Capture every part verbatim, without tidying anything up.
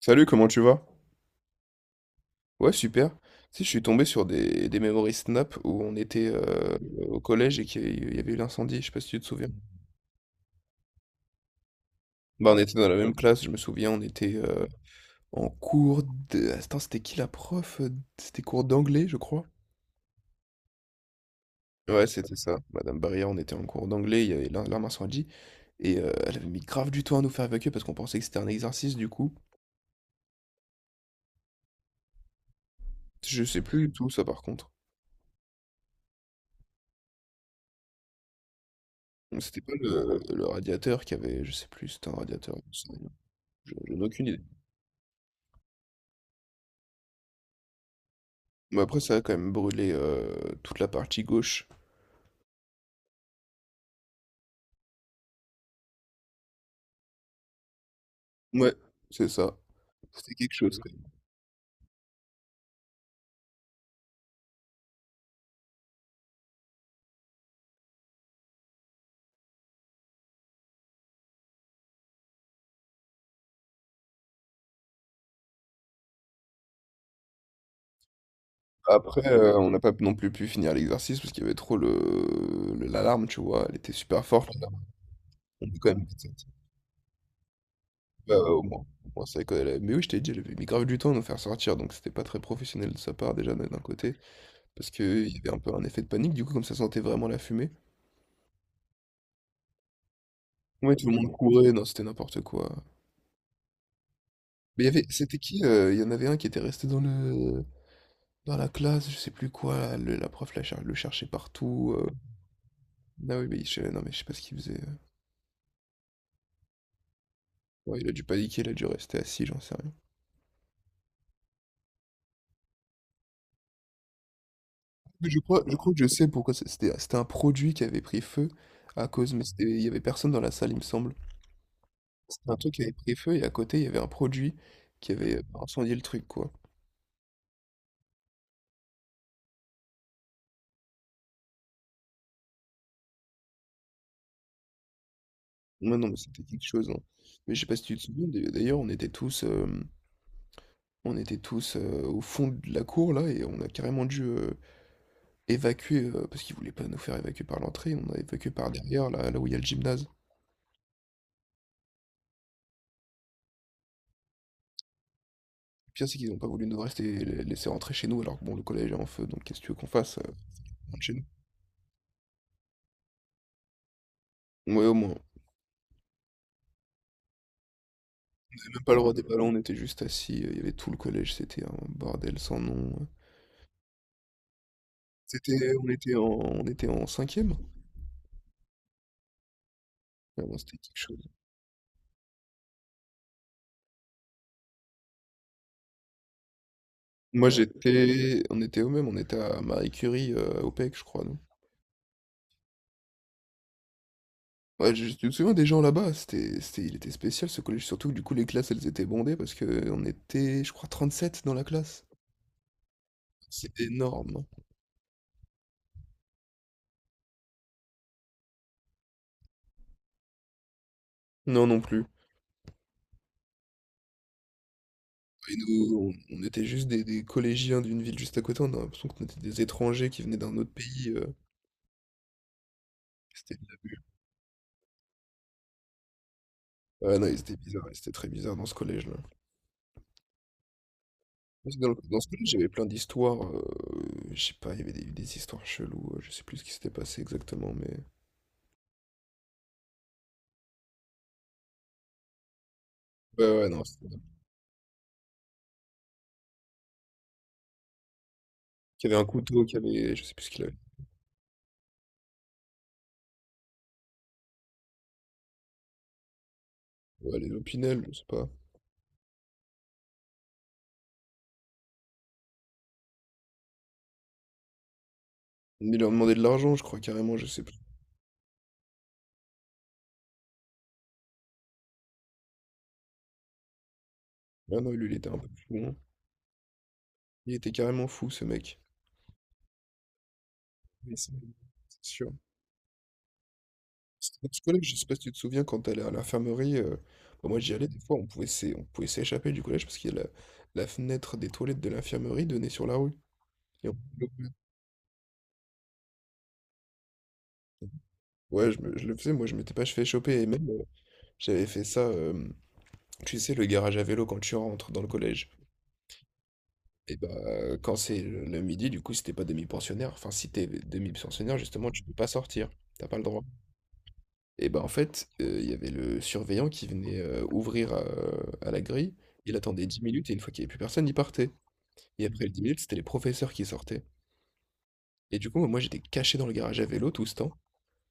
Salut, comment tu vas? Ouais, super. Tu sais, je suis tombé sur des, des memories Snap où on était euh, au collège et qu'il y a eu- il y avait eu l'incendie, je sais pas si tu te souviens. Bah, on était dans la même classe, je me souviens, on était euh, en cours de... Attends, c'était qui la prof? C'était cours d'anglais, je crois. Ouais, c'était ça. Madame Barrière, on était en cours d'anglais, il y avait l'in- l'arme incendie, et euh, elle avait mis grave du temps à nous faire évacuer parce qu'on pensait que c'était un exercice, du coup. Je sais plus du tout, ça, par contre. C'était pas le, le radiateur qui avait... Je sais plus, c'était un radiateur. Je je n'ai aucune idée. Mais après, ça a quand même brûlé, heu, toute la partie gauche. Ouais, c'est ça. C'était quelque chose quand même. Après, heu, on n'a pas non plus pu finir l'exercice parce qu'il y avait trop le le l'alarme, tu vois? Elle était super forte l'alarme. On est quand même fait sortir. Bah, au moins au moins c'est quand elle la mais oui, je t'ai dit, elle avait mis grave du temps à nous faire sortir, donc c'était pas très professionnel de sa part déjà d'un d'un côté, parce qu'il y avait un peu un effet de panique du coup, comme ça sentait vraiment la fumée. Ouais, tout le monde courait, non, c'était n'importe quoi. Mais il y avait c'était qui, heu, il y en avait un qui était resté dans le dans la classe, je sais plus quoi, le- la prof la cher- le cherchait partout. euh. Ah oui, mais je, non, mais je sais pas ce qu'il faisait. euh. Ouais, il a dû paniquer, il a dû rester assis, j'en sais rien. Mais je crois, je crois que je sais pourquoi c'est- c'était. C'était un produit qui avait pris feu à cause, mais c'était- il y avait personne dans la salle, il me semble. C'était un truc qui avait pris feu et à côté, il y avait un produit qui avait euh, incendié le truc, quoi. Non, non, mais c'était quelque chose, hein. Mais je sais pas si tu te souviens, d'ailleurs, d'ailleurs, on était tous, euh, on était tous euh, au fond de la cour, là, et on a carrément dû euh, évacuer, heu, parce qu'ils voulaient pas nous faire évacuer par l'entrée, on a évacué par derrière, là là où il y a le gymnase. Le pire, c'est qu'ils ont pas voulu nous rester les laisser rentrer chez nous, alors que bon, le collège est en feu, donc qu'est-ce que tu veux qu'on fasse, heu, rentre chez nous? Ouais, au moins. On avait même pas le droit des ballons, on était juste assis, heu, il y avait tout le collège, c'était un bordel sans nom, heu. C'était on était en on était en cinquième. Vraiment, c'était quelque chose. Moi, j'étais on était au même? On était à Marie Curie, heu, au P E C, je crois, nous. Ouais, je je me souviens des gens là-bas, c'était, c'était, il était spécial ce collège, surtout que du coup les classes elles étaient bondées parce que on était, je crois, trente sept dans la classe. C'est énorme, non? Non, non plus. Et nous, on, on était juste des, des collégiens d'une ville juste à côté, on a l'impression qu'on était des étrangers qui venaient d'un autre pays, euh, c'était de la bulle. Ah non, ils étaient bizarres, ils étaient très bizarres dans ce collège-là. Parce que Dans, le- dans ce collège, j'avais plein d'histoires, euh, je sais pas, il y avait des, des histoires cheloues, euh, je sais plus ce qui s'était passé exactement, mais... Ouais, ouais, non, c'était... Qu'il y avait un couteau, qu'il y avait, je sais plus ce qu'il... Ouais, les Opinel, je sais pas. Mais il leur demandait de l'argent, je crois, carrément, je sais plus. Ah non, lui, il était un peu fou, hein. Il était carrément fou, ce mec. Mais c'est c'est sûr. C'était notre collège, je sais pas si tu te souviens, quand t'allais à l'infirmerie, euh, bah, moi j'y allais, des fois, on pouvait s'é- on pouvait s'échapper du collège parce qu'il y a la... la fenêtre des toilettes de l'infirmerie donnait sur la rue. Et on Ouais, je, me- je le faisais, moi je m'étais pas fait choper, et même, euh, j'avais fait ça, euh, tu sais, le garage à vélo quand tu rentres dans le collège. Et bah, heu, quand c'est le le midi, du coup, si tu pas demi-pensionnaire, enfin, si t'es demi-pensionnaire, justement, tu peux pas sortir, t'as pas le droit. Et bah, en fait, heu, il y avait le surveillant qui venait, heu, ouvrir, heu, à la grille. Il attendait dix minutes et une fois qu'il y avait plus personne, il partait. Et après les dix minutes, c'était les professeurs qui sortaient. Et du coup, bah, moi, j'étais caché dans le garage à vélo tout ce temps,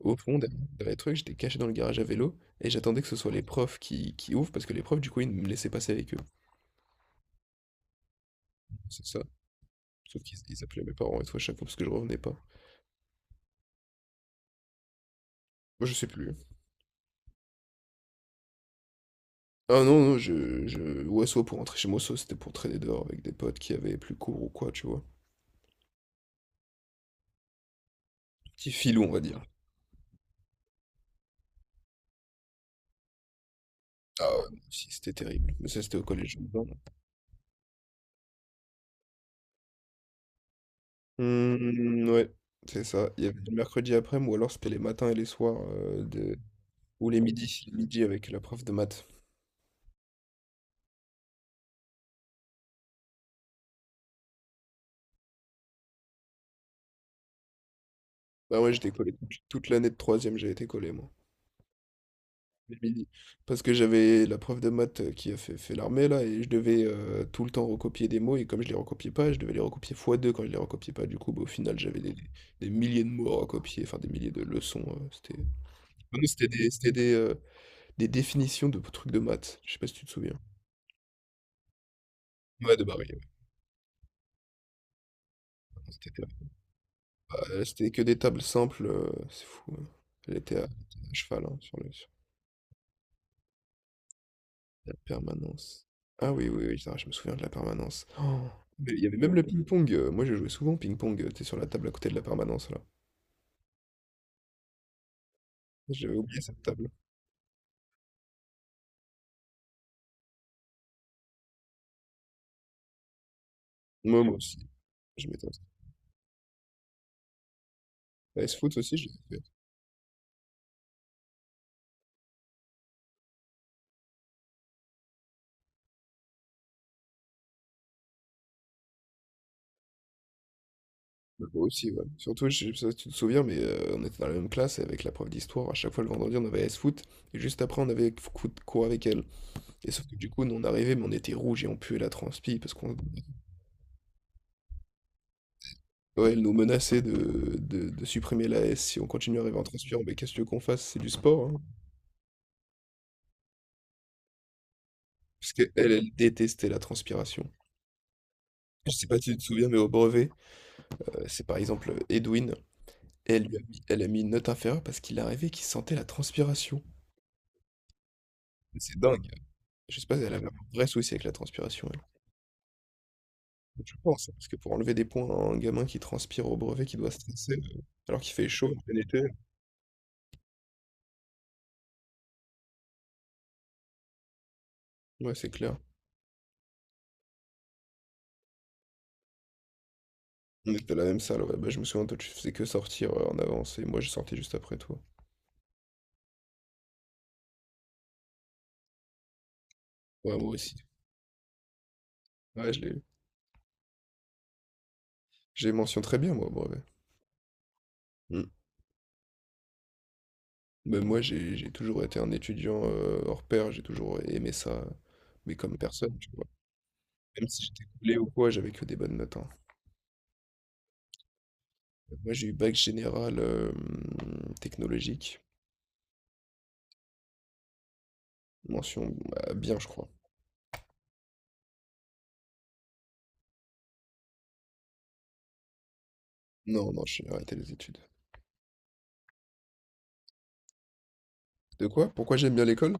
au fond derrière derrière les trucs, j'étais caché dans le garage à vélo et j'attendais que ce soit les profs qui qui ouvrent parce que les profs, du coup, ils me laissaient passer avec eux. C'est ça, sauf qu'ils ils appelaient mes parents et tout à chaque fois parce que je revenais pas. Moi, je sais plus, hein. Ah non, non, je, je... Ouais, soit pour rentrer chez moi, soit c'était pour traîner dehors avec des potes qui avaient plus cours ou quoi, tu vois. Petit filou, on va dire. Ah ouais, si, c'était terrible. Mais ça, c'était au collège dedans. Mmh, ouais, c'est ça. Il y avait le mercredi après-midi, ou alors c'était les matins et les soirs, euh, de... ou les midis, les midis avec la prof de maths. Bah ouais, j'étais collé. Toute toute l'année de troisième, j'ai été collé, moi. Les midis. Parce que j'avais la prof de maths euh, qui a fait, fait l'armée là et je devais euh, tout le temps recopier des mots et comme je les recopiais pas, je devais les recopier fois deux quand je les recopiais pas. Du coup, bah, au final, j'avais des, des milliers de mots à recopier, enfin des milliers de leçons, euh, c'était... Ah non, c'était des, c'était des, euh, des définitions de trucs de maths. Je sais pas si tu te souviens. Ouais, de Barry, ouais. Non, c'était terrible. Bah, euh, c'était que des tables simples, euh, c'est fou, hein. Elle était à, à cheval hein, sur le... La permanence. Ah oui, oui, oui, ça, je me souviens de la permanence. Oh, mais il y avait même le ping-pong, euh, moi, je jouais souvent au ping-pong. euh, T'es sur la table à côté de la permanence, là. J'avais oublié cette table. Moi, moi aussi. Je m'étais inscrit. La S-Foot aussi, je l'ai fait. Bah, moi aussi, ouais. Surtout, je sais pas si tu te souviens, mais euh, on était dans la même classe et avec la prof d'histoire. À chaque fois, le vendredi, on avait S-Foot. Et juste après, on avait foot- cours avec elle. Et sauf que du coup, nous, on arrivait, mais on était rouge et on puait la transpi parce qu'on... Ouais, elle nous menaçait de, de, de supprimer la S si on continue à arriver en transpirant. Mais qu'est-ce que tu veux qu'on fasse? C'est du sport, hein. Parce qu'elle, elle détestait la transpiration. Je sais pas si tu te souviens, mais au brevet, euh, c'est par exemple Edwin, et elle lui a mis, elle a mis une note inférieure parce qu'il arrivait qu'il sentait la transpiration. C'est dingue. Je sais pas si elle avait un vrai souci avec la transpiration, elle. Je pense, hein, parce que pour enlever des points à un gamin qui transpire au brevet, qui doit stresser, euh, alors qu'il fait chaud en plein été. Ouais, c'est clair. On était à la même salle, ouais. Bah, je me souviens, toi, tu faisais que sortir euh, en avance, et moi, je sortais juste après toi. Ouais, moi aussi. Ouais, je l'ai. J'ai mention très bien, moi, au brevet. Mm. Ben moi, j'ai j'ai toujours été un étudiant, heu, hors pair, j'ai toujours aimé ça, euh, mais comme personne, tu vois? Même si j'étais coulé ou quoi, j'avais que des bonnes notes, hein. Moi, j'ai eu bac général, hem, technologique, mention, bah, bien, je crois. Non, non, j'ai arrêté les études. De quoi? Pourquoi j'aime bien l'école?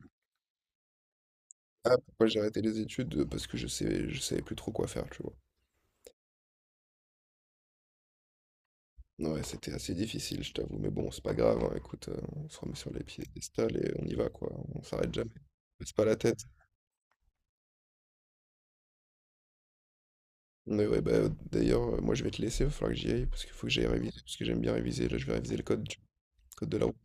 Ah, pourquoi j'ai arrêté les études? Heu, parce que je sais je savais plus trop quoi faire, tu vois? Ouais, c'était assez difficile, je t'avoue, mais bon, c'est pas grave, hein, écoute, heu, on se remet sur les piédestals et on y va, quoi, on s'arrête jamais. Baisse pas la tête. Mais ouais, bah, d'ailleurs, euh, moi je vais te laisser, il va falloir que j'y aille parce qu'il faut que j'aille réviser, parce que j'aime bien réviser. Là, je vais réviser le code, du- code de la route.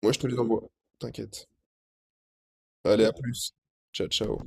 Moi, je te les envoie, t'inquiète. Allez, à plus. Ciao, ciao.